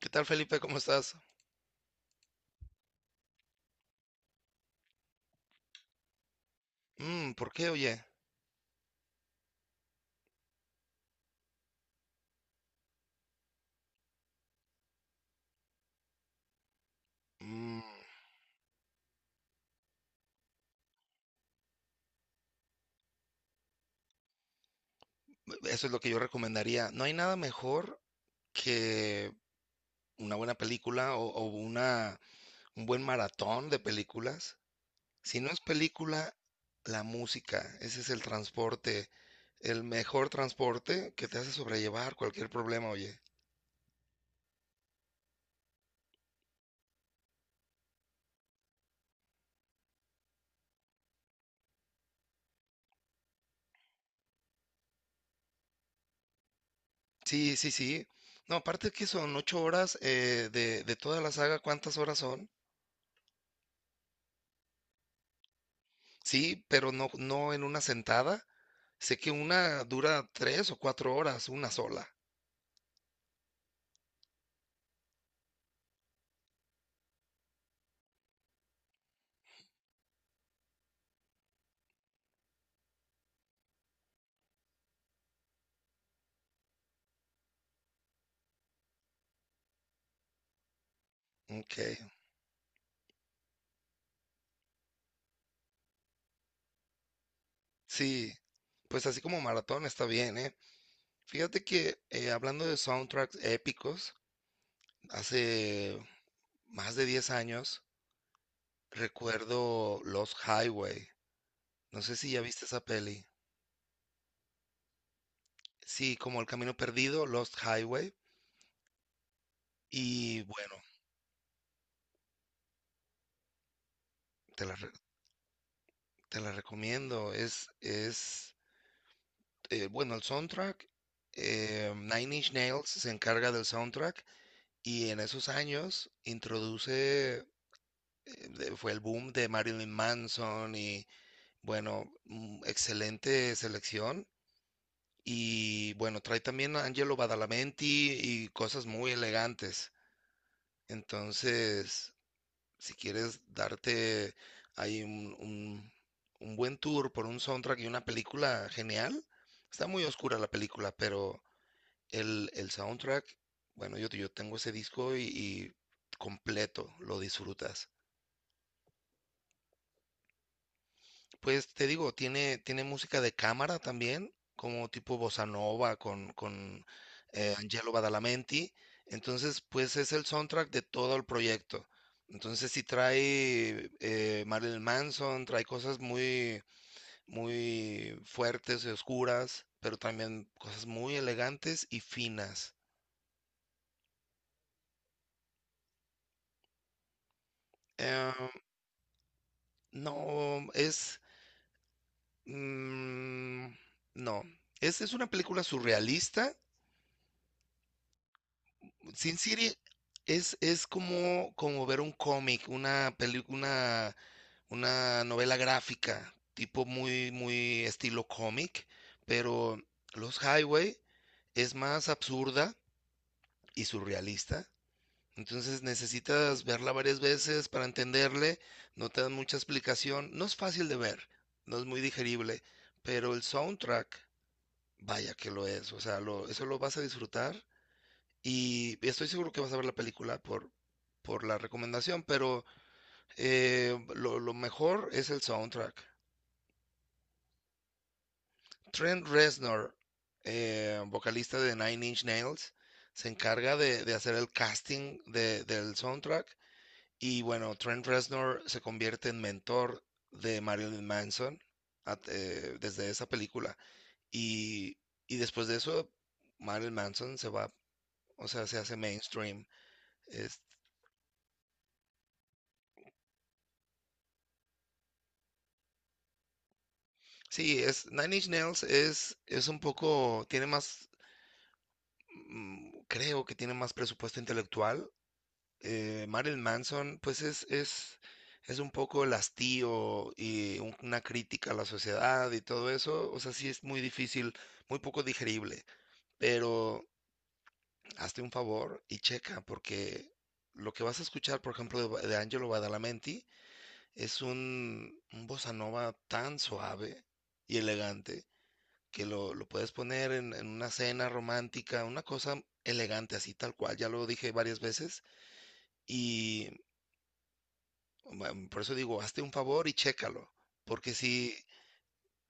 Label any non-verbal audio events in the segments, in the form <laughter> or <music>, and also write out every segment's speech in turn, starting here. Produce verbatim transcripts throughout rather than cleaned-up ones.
¿Qué tal, Felipe? ¿Cómo estás? Mm, ¿por qué, oye? Mm, Eso es lo que yo recomendaría. No hay nada mejor que una buena película o, o una, un buen maratón de películas. Si no es película, la música, ese es el transporte, el mejor transporte que te hace sobrellevar cualquier problema, oye. Sí, sí, sí. No, aparte que son ocho horas eh, de, de toda la saga, ¿cuántas horas son? Sí, pero no, no en una sentada. Sé que una dura tres o cuatro horas, una sola. Okey. Sí, pues así como maratón está bien, ¿eh? Fíjate que, eh, hablando de soundtracks épicos, hace más de diez años recuerdo Lost Highway. No sé si ya viste esa peli. Sí, como El Camino Perdido, Lost Highway. Y bueno, te la re te la recomiendo. Es es, eh, bueno, el soundtrack, eh, Nine Inch Nails se encarga del soundtrack. Y en esos años introduce, eh, de- fue el boom de Marilyn Manson y bueno, mm, excelente selección. Y bueno, trae también a Angelo Badalamenti y cosas muy elegantes. Entonces, si quieres darte ahí un, un- un buen tour por un soundtrack y una película genial, está muy oscura la película, pero El, el soundtrack, bueno, yo, yo tengo ese disco y, y completo lo disfrutas. Pues te digo, tiene, tiene música de cámara también, como tipo bossa nova con, con eh, Angelo Badalamenti. Entonces, pues es el soundtrack de todo el proyecto. Entonces, sí trae eh, Marilyn Manson, trae cosas muy, muy fuertes y oscuras, pero también cosas muy elegantes y finas. Eh, no, es, Mm, no, es, es una película surrealista. Sin City es, es como, como ver un cómic, una peli- una, una novela gráfica, tipo muy, muy estilo cómic, pero Los Highway es más absurda y surrealista. Entonces necesitas verla varias veces para entenderle, no te dan mucha explicación, no es fácil de ver, no es muy digerible, pero el soundtrack, vaya que lo es. O sea, lo, eso lo vas a disfrutar y estoy seguro que vas a ver la película por, por la recomendación, pero eh, lo, lo mejor es el soundtrack. Trent Reznor, eh, vocalista de Nine Inch Nails, se encarga de, de hacer el casting de- del soundtrack. Y bueno, Trent Reznor se convierte en mentor de Marilyn Manson a- eh, desde esa película, y, y después de eso, Marilyn Manson se va. O sea, se hace mainstream. Es, sí, es Nine Inch Nails es, es un poco, tiene más, mm, creo que tiene más presupuesto intelectual. Eh, Marilyn Manson, pues es, es, es un poco el hastío y un- una crítica a la sociedad y todo eso. O sea, sí es muy difícil, muy poco digerible. Pero hazte un favor y checa, porque lo que vas a escuchar, por ejemplo, de, Ba- de Angelo Badalamenti. Es un, un bossa nova tan suave y elegante que lo, lo puedes poner en, en una cena romántica, una cosa elegante así tal cual, ya lo dije varias veces. Y mm, por eso digo, hazte un favor y chécalo, porque sí,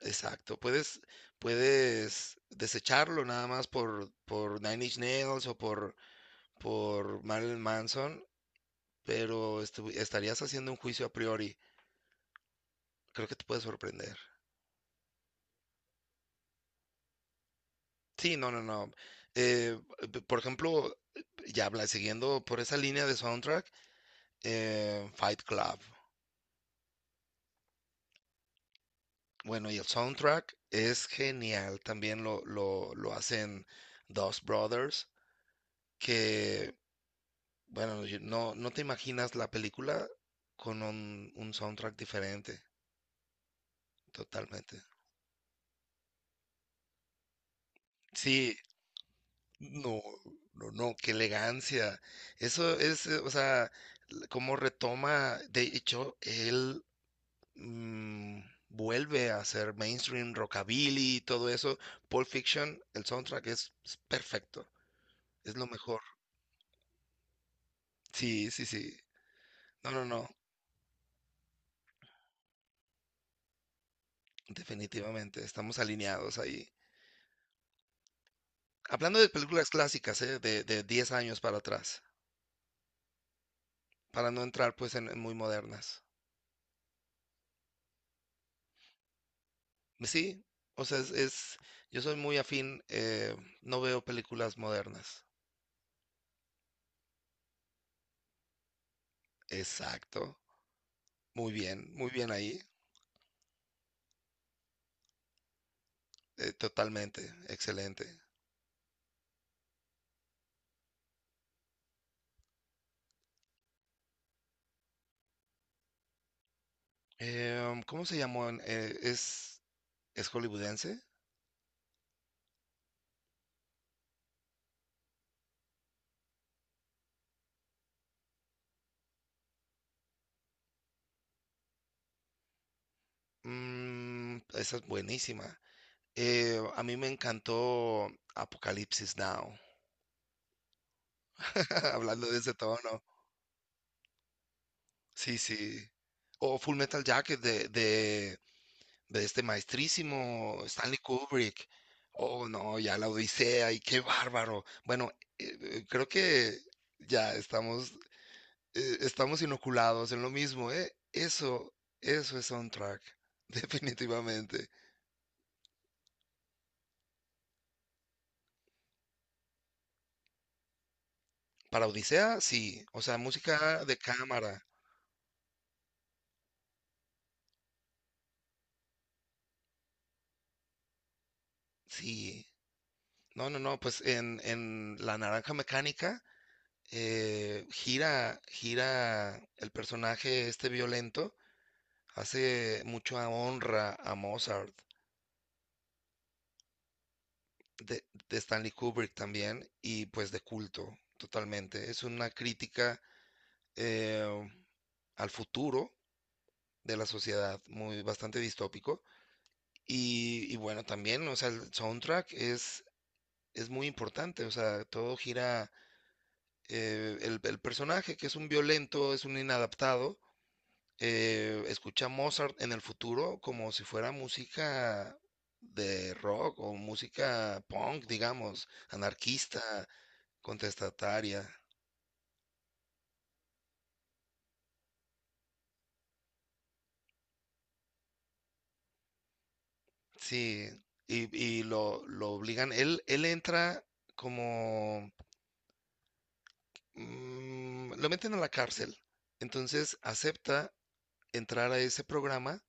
exacto, puedes, puedes desecharlo nada más por, por Nine Inch Nails o por, por Marilyn Manson, pero estu- estarías haciendo un juicio a priori. Creo que te puede sorprender. Sí, no, no, no. Eh, p- por ejemplo, ya habla, siguiendo por esa línea de soundtrack, eh, Fight Club. Bueno, y el soundtrack es genial. También lo, lo, lo hacen Dos Brothers, que, bueno, yo- no, no te imaginas la película con un, un soundtrack diferente, totalmente. Sí, no, no, no, qué elegancia. Eso es, eh, o sea, l- cómo retoma, de hecho, él, mm, vuelve a ser mainstream, rockabilly, todo eso. Pulp Fiction, el soundtrack es, es perfecto, es lo mejor. Sí, sí, sí. No, no, no, definitivamente, estamos alineados ahí. Hablando de películas clásicas, ¿eh? De, de diez años para atrás, para no entrar pues en, en muy modernas. Sí, o sea, es, es- yo soy muy afín, eh, no veo películas modernas. Exacto, muy bien, muy bien ahí, eh, totalmente, excelente. Em, ¿cómo se llamó? en- eh, ¿es, es hollywoodense? Mm, esa es buenísima. Eh, a mí me encantó Apocalipsis Now, <laughs> hablando de ese tono. Sí, sí. O Full Metal Jacket de, de, de este maestrísimo Stanley Kubrick. Oh, no, ya La Odisea, y qué bárbaro. Bueno, eh, eh, creo que ya estamos Eh, estamos inoculados en lo mismo, ¿eh? Eso, eso es soundtrack, <laughs> definitivamente. Para Odisea, sí. O sea, música de cámara, sí. No, no, no, pues en, en La Naranja Mecánica, eh, gira, gira el personaje este violento, hace mucho a honra a Mozart, de, de Stanley Kubrick también, y pues de culto, totalmente. Es una crítica, eh, al futuro de la sociedad, muy bastante distópico. Y, y bueno, también, o sea, el soundtrack es, es muy importante. O sea, todo gira, eh, el, el personaje que es un violento, es un inadaptado, eh, escucha Mozart en el futuro como si fuera música de rock o música punk, digamos, anarquista, contestataria. Sí, y, y lo, lo obligan, él, él entra como, Mm, lo meten a la cárcel. Entonces acepta entrar a ese programa,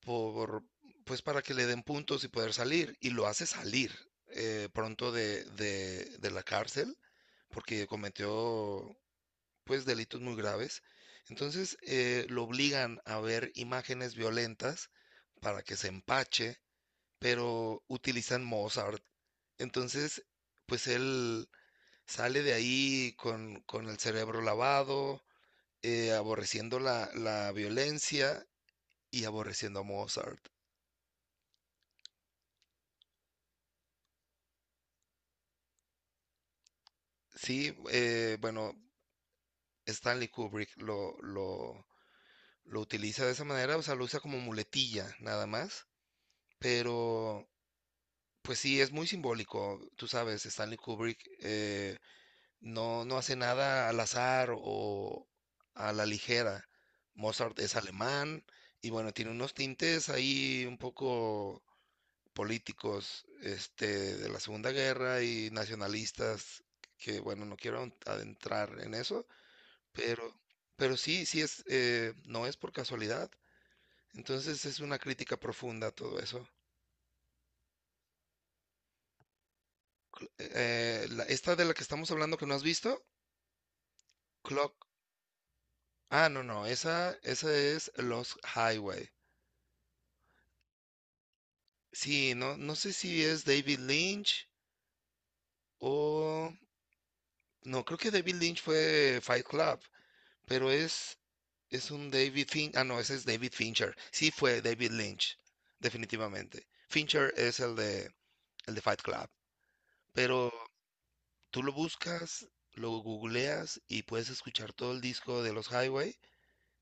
por, pues para que le den puntos y poder salir. Y lo hace salir eh, pronto de, de, de la cárcel, porque cometió pues delitos muy graves. Entonces eh, lo obligan a ver imágenes violentas para que se empache, pero utilizan Mozart. Entonces, pues él sale de ahí con, con el cerebro lavado, eh, aborreciendo la, la violencia y aborreciendo a Mozart. Sí, eh, bueno, Stanley Kubrick lo, lo, lo utiliza de esa manera. O sea, lo usa como muletilla nada más, pero pues sí, es muy simbólico, tú sabes, Stanley Kubrick, eh, no, no hace nada al azar o a la ligera. Mozart es alemán, y bueno, tiene unos tintes ahí un poco políticos este, de la Segunda Guerra y nacionalistas, que bueno, no quiero adentrar en eso, pero, pero sí, sí es, eh, no es por casualidad. Entonces es una crítica profunda a todo eso. Eh, la- esta de la que estamos hablando que no has visto, Clock. Ah, no, no, esa, esa es Los Highway. Sí, no, no sé si es David Lynch o. No, creo que David Lynch fue Fight Club. Pero es, es un David Fincher. Ah, no, ese es David Fincher. Sí fue David Lynch, definitivamente. Fincher es el de, el de Fight Club. Pero tú lo buscas, lo googleas y puedes escuchar todo el disco de Los Highway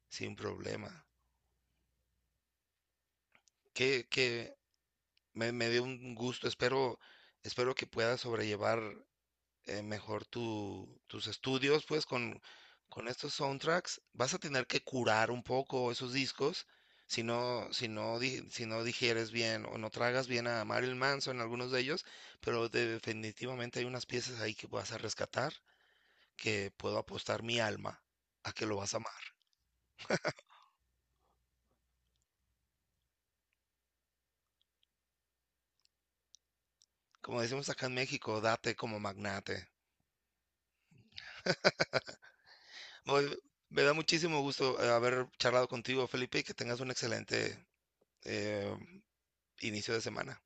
sin problema. Que, que me, me dio un gusto. Espero, espero que puedas sobrellevar eh, mejor tu- tus estudios, pues con, con estos soundtracks vas a tener que curar un poco esos discos, si no, si no, di- si no digieres bien o no tragas bien a Marilyn Manson, algunos de ellos, pero definitivamente hay unas piezas ahí que vas a rescatar, que puedo apostar mi alma a que lo vas a amar. Como decimos acá en México, date como magnate. Oye, me da muchísimo gusto eh, haber charlado contigo, Felipe, y que tengas un excelente, eh, inicio de semana.